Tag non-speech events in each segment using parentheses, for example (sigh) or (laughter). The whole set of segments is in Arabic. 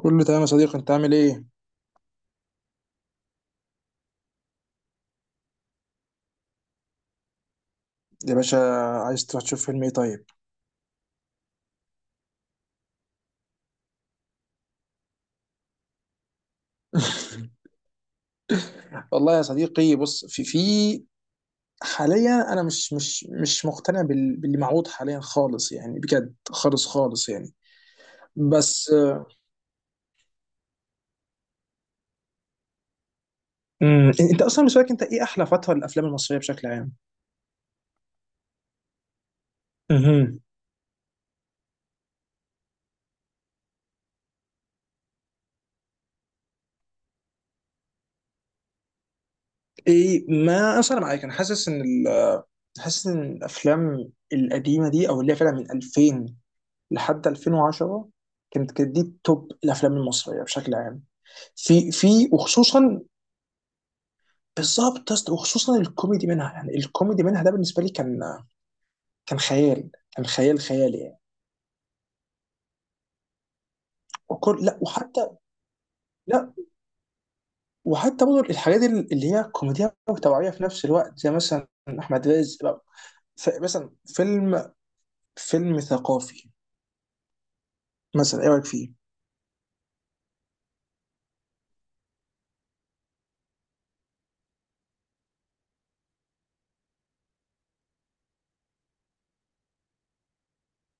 كله تمام يا صديقي، انت عامل ايه؟ يا باشا، عايز تروح تشوف فيلم ايه طيب؟ (laughs) والله يا صديقي، بص، في في حاليا انا مش مقتنع باللي معروض حاليا خالص، يعني بجد خالص خالص يعني. بس، انت اصلا بالنسبه لك، انت ايه احلى فتره للافلام المصريه بشكل عام؟ امم ايه، ما اصلا معاك. انا حاسس ان حاسس ان الافلام القديمه دي او اللي هي فعلا من 2000 لحد 2010 كانت دي توب الافلام المصريه بشكل عام. في في وخصوصا، بالظبط يا اسطى، وخصوصا الكوميدي منها، يعني الكوميدي منها ده بالنسبه لي كان، كان خيال، كان خيال خيالي يعني. وكل، لا، وحتى، لا، وحتى برضه الحاجات اللي هي كوميديا وتوعيه في نفس الوقت زي مثلا احمد رزق بقى. مثلا فيلم، فيلم ثقافي مثلا، ايه رايك فيه؟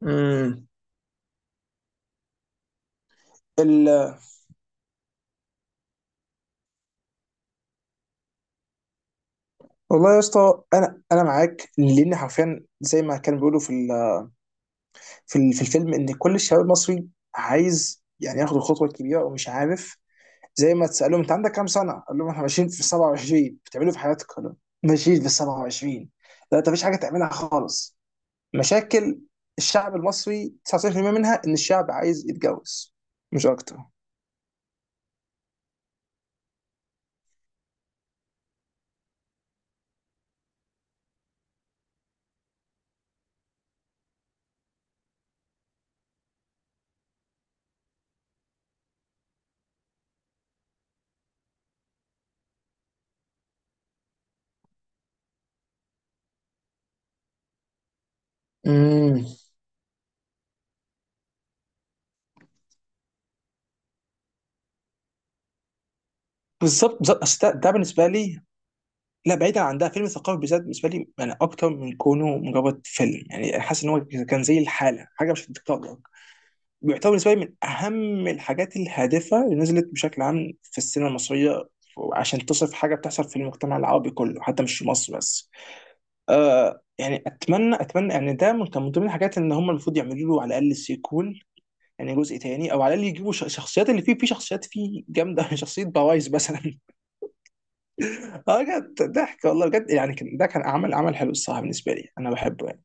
امم ال... والله يا اسطى، انا معاك لان حرفيا زي ما كانوا بيقولوا في في الفيلم ان كل الشباب المصري عايز يعني ياخد الخطوه الكبيره ومش عارف. زي ما تسألهم انت عندك كام سنة؟ قال لهم احنا ماشيين في 27، بتعملوا إيه في حياتك؟ قال لهم ماشيين في 27. لا انت مفيش حاجة تعملها خالص. مشاكل الشعب المصري 99% منها ان الشعب عايز يتجوز، مش اكتر. امم بالظبط بالظبط، أصل ده بالنسبة لي، لا بعيدا عن ده، فيلم ثقافي بالذات بالنسبة لي يعني اكتر من كونه مجرد فيلم. يعني حاسس ان هو كان زي الحالة، حاجة مش هتتكرر. بيعتبر بالنسبه لي من اهم الحاجات الهادفه اللي نزلت بشكل عام في السينما المصريه. عشان تصف حاجه بتحصل في المجتمع العربي كله، حتى مش في مصر بس. آه يعني، اتمنى يعني ده من كان من ضمن الحاجات ان هم المفروض يعملوا له على الاقل سيكول، يعني جزء تاني، او على الاقل يجيبوا شخصيات اللي فيه. في شخصيات فيه جامده (laughs) شخصيه بوايز مثلا (laughs) اه بجد ضحك والله، بجد يعني كان ده، كان عمل حلو الصراحه، بالنسبه لي انا بحبه يعني.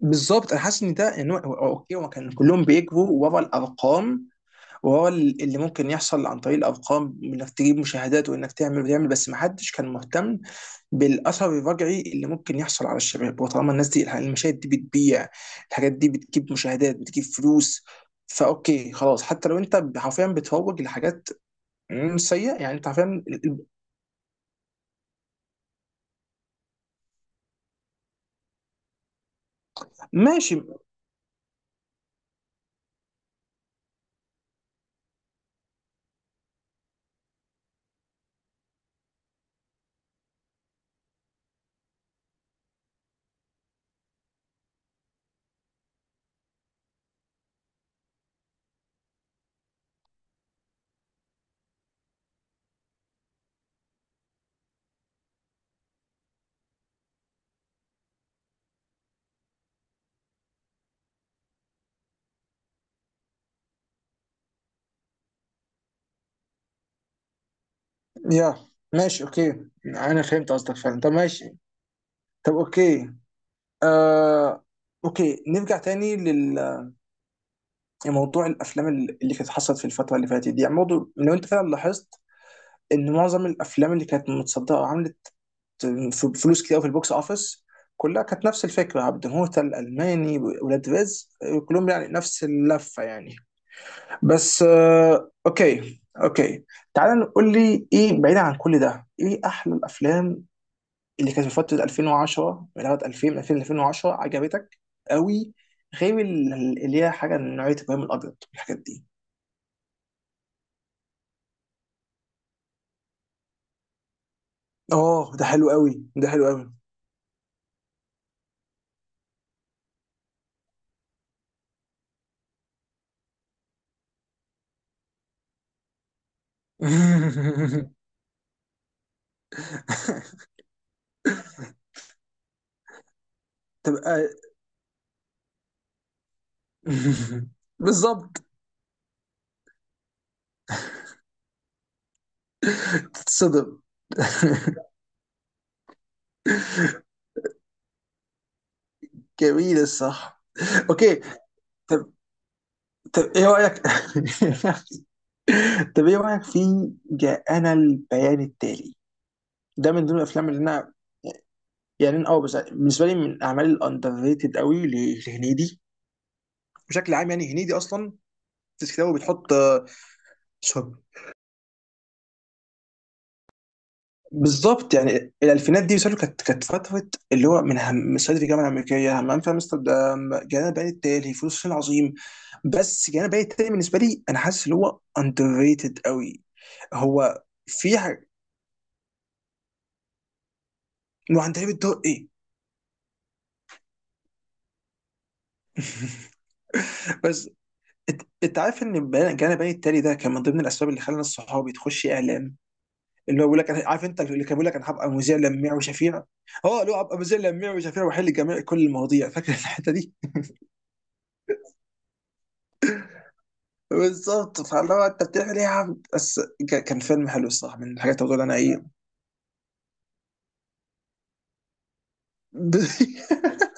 بالظبط، انا حاسس ان ده، ان اوكي، هو كان كلهم بيكبروا ورا الارقام، وهو اللي ممكن يحصل عن طريق الارقام، انك تجيب مشاهدات وانك تعمل وتعمل، بس ما حدش كان مهتم بالاثر الرجعي اللي ممكن يحصل على الشباب. وطالما الناس دي المشاهد دي بتبيع، الحاجات دي بتجيب مشاهدات بتجيب فلوس، فاوكي خلاص. حتى لو انت حرفيا بتروج لحاجات سيئه، يعني انت حرفيا ماشي. يا ماشي اوكي، انا فهمت قصدك فعلا، طب ماشي. طب اوكي، آه، اوكي نرجع تاني. موضوع الافلام اللي كانت حصلت في الفتره اللي فاتت دي، يعني برضه لو انت فعلا لاحظت ان معظم الافلام اللي كانت متصدره وعملت فلوس كتير أوي في البوكس اوفيس، كلها كانت نفس الفكره. عبد الموتى، الالماني، ولاد رزق، كلهم يعني نفس اللفه يعني. بس آه، اوكي اوكي. تعال نقول لي، ايه بعيدا عن كل ده، ايه احلى الافلام اللي كانت في فتره 2010 من لغايه 2000، 2010 عجبتك قوي، غير اللي هي حاجه من نوعيه ابراهيم الابيض والحاجات دي. اه ده حلو قوي، ده حلو قوي. (laughs) تبقى، بالظبط تتصدم. (laughs) جميل الصح. اوكي، طب، طب ايه رايك، (laughs) طب ايه رايك في جاءنا البيان التالي؟ ده من ضمن الافلام اللي انا يعني، انا اه، بس بالنسبه لي من الاعمال الاندر ريتد قوي لهنيدي. بشكل عام يعني هنيدي اصلا في كتابه بتحط آه، بالظبط، يعني الالفينات دي بيسألوا، كانت فتره اللي هو من هم صعيدي في الجامعه الامريكيه، همام في امستردام، جانا البيان التالي، فلوس الصين، عظيم. بس جانا البيان التالي بالنسبه لي، انا حاسس اللي هو اندر ريتد قوي. هو في حاجه انه عند تقريبا الدور، ايه؟ (laughs) بس، انت عارف ان جانا البيان التالي ده كان من ضمن الاسباب اللي خلى ناس صحابي تخش اعلام. اللي هو بيقول لك عارف انت اللي كان بيقول لك انا هبقى مذيع لميع وشفيع. اه اللي هو هبقى مذيع لميع وشفيع واحل جميع كل المواضيع، فاكر الحته دي؟ بالظبط. فاللي هو انت بتعمل ايه يا عم بس؟ كان فيلم حلو الصراحه، من الحاجات اللي بقول انا ايه. (laughs)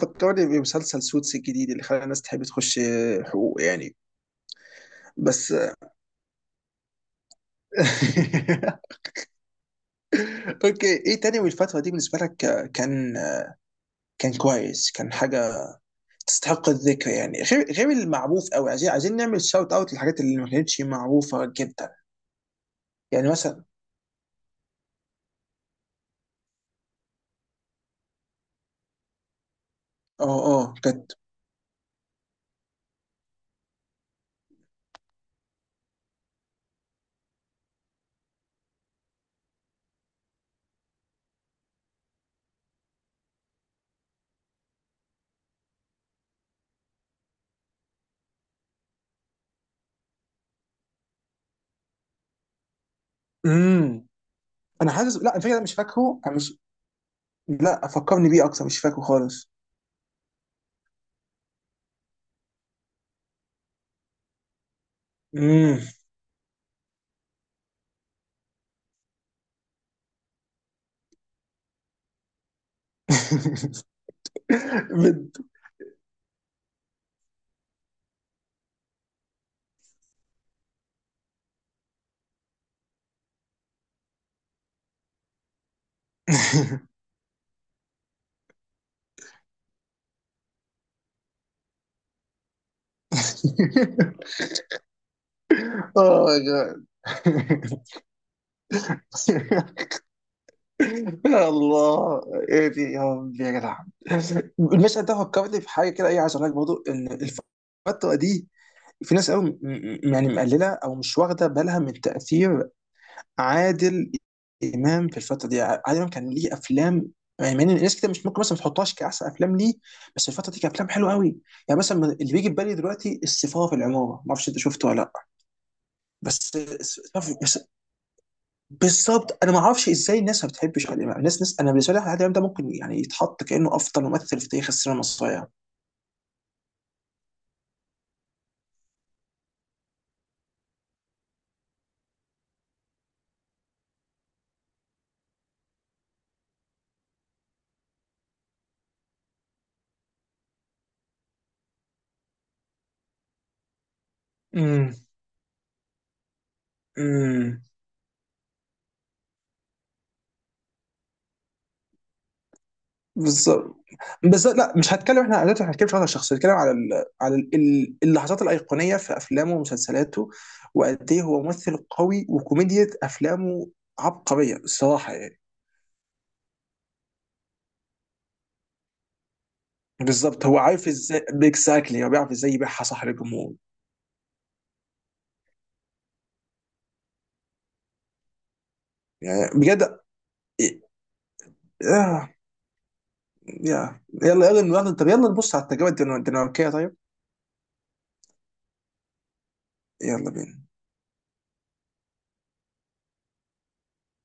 فكرني بمسلسل سوتس الجديد اللي خلى الناس تحب تخش حقوق يعني. بس. (laughs) اوكي، ايه تاني من الفتره دي بالنسبه لك كان، كويس، كان حاجه تستحق الذكر، يعني غير، غير المعروف قوي، عايزين نعمل شاوت اوت للحاجات اللي ما كانتش معروفه جدا، يعني مثلا. اه اه بجد. امم انا حاسس، لا الفكره، انا مش فاكره، انا مش لا فكرني بيه اكتر، مش فاكره خالص. امم (laughs) بد (laughs) اوه ماي جاد. (laughs) يا الله، ايه دي يا ربي يا جدع! المشهد ده فكرني في حاجه كده، ايه عايز اقول لك برضه ان الفتره دي في ناس قوي يعني مقلله او مش واخده بالها من تاثير عادل امام في الفتره دي. عادل امام كان ليه افلام يعني، مع ان الناس كده مش ممكن مثلا ما تحطهاش كاحسن افلام ليه، بس الفتره دي كان افلام حلوه قوي. يعني مثلا اللي بيجي في بالي دلوقتي السفاره في العماره، ما اعرفش انت شفته ولا لا؟ بس بس بس- بالظبط، انا ما اعرفش ازاي الناس ما بتحبش عادل امام. الناس ناس، انا بالنسبه لي عادل امام ده ممكن يعني يتحط كانه افضل ممثل في تاريخ السينما المصريه. امم بالظبط، بس لا مش هتكلم. احنا دلوقتي ما هنتكلمش على الشخص، هنتكلم على اللحظات الايقونيه في افلامه ومسلسلاته، وقد ايه هو ممثل قوي وكوميديا افلامه عبقريه الصراحه يعني. بالظبط، هو عارف ازاي، اكزاكتلي هو بيعرف ازاي يبيعها صح للجمهور. يعني بجد. يا يا يلا طب يلا نبص على التجربه الدنماركيه طيب. يلا بينا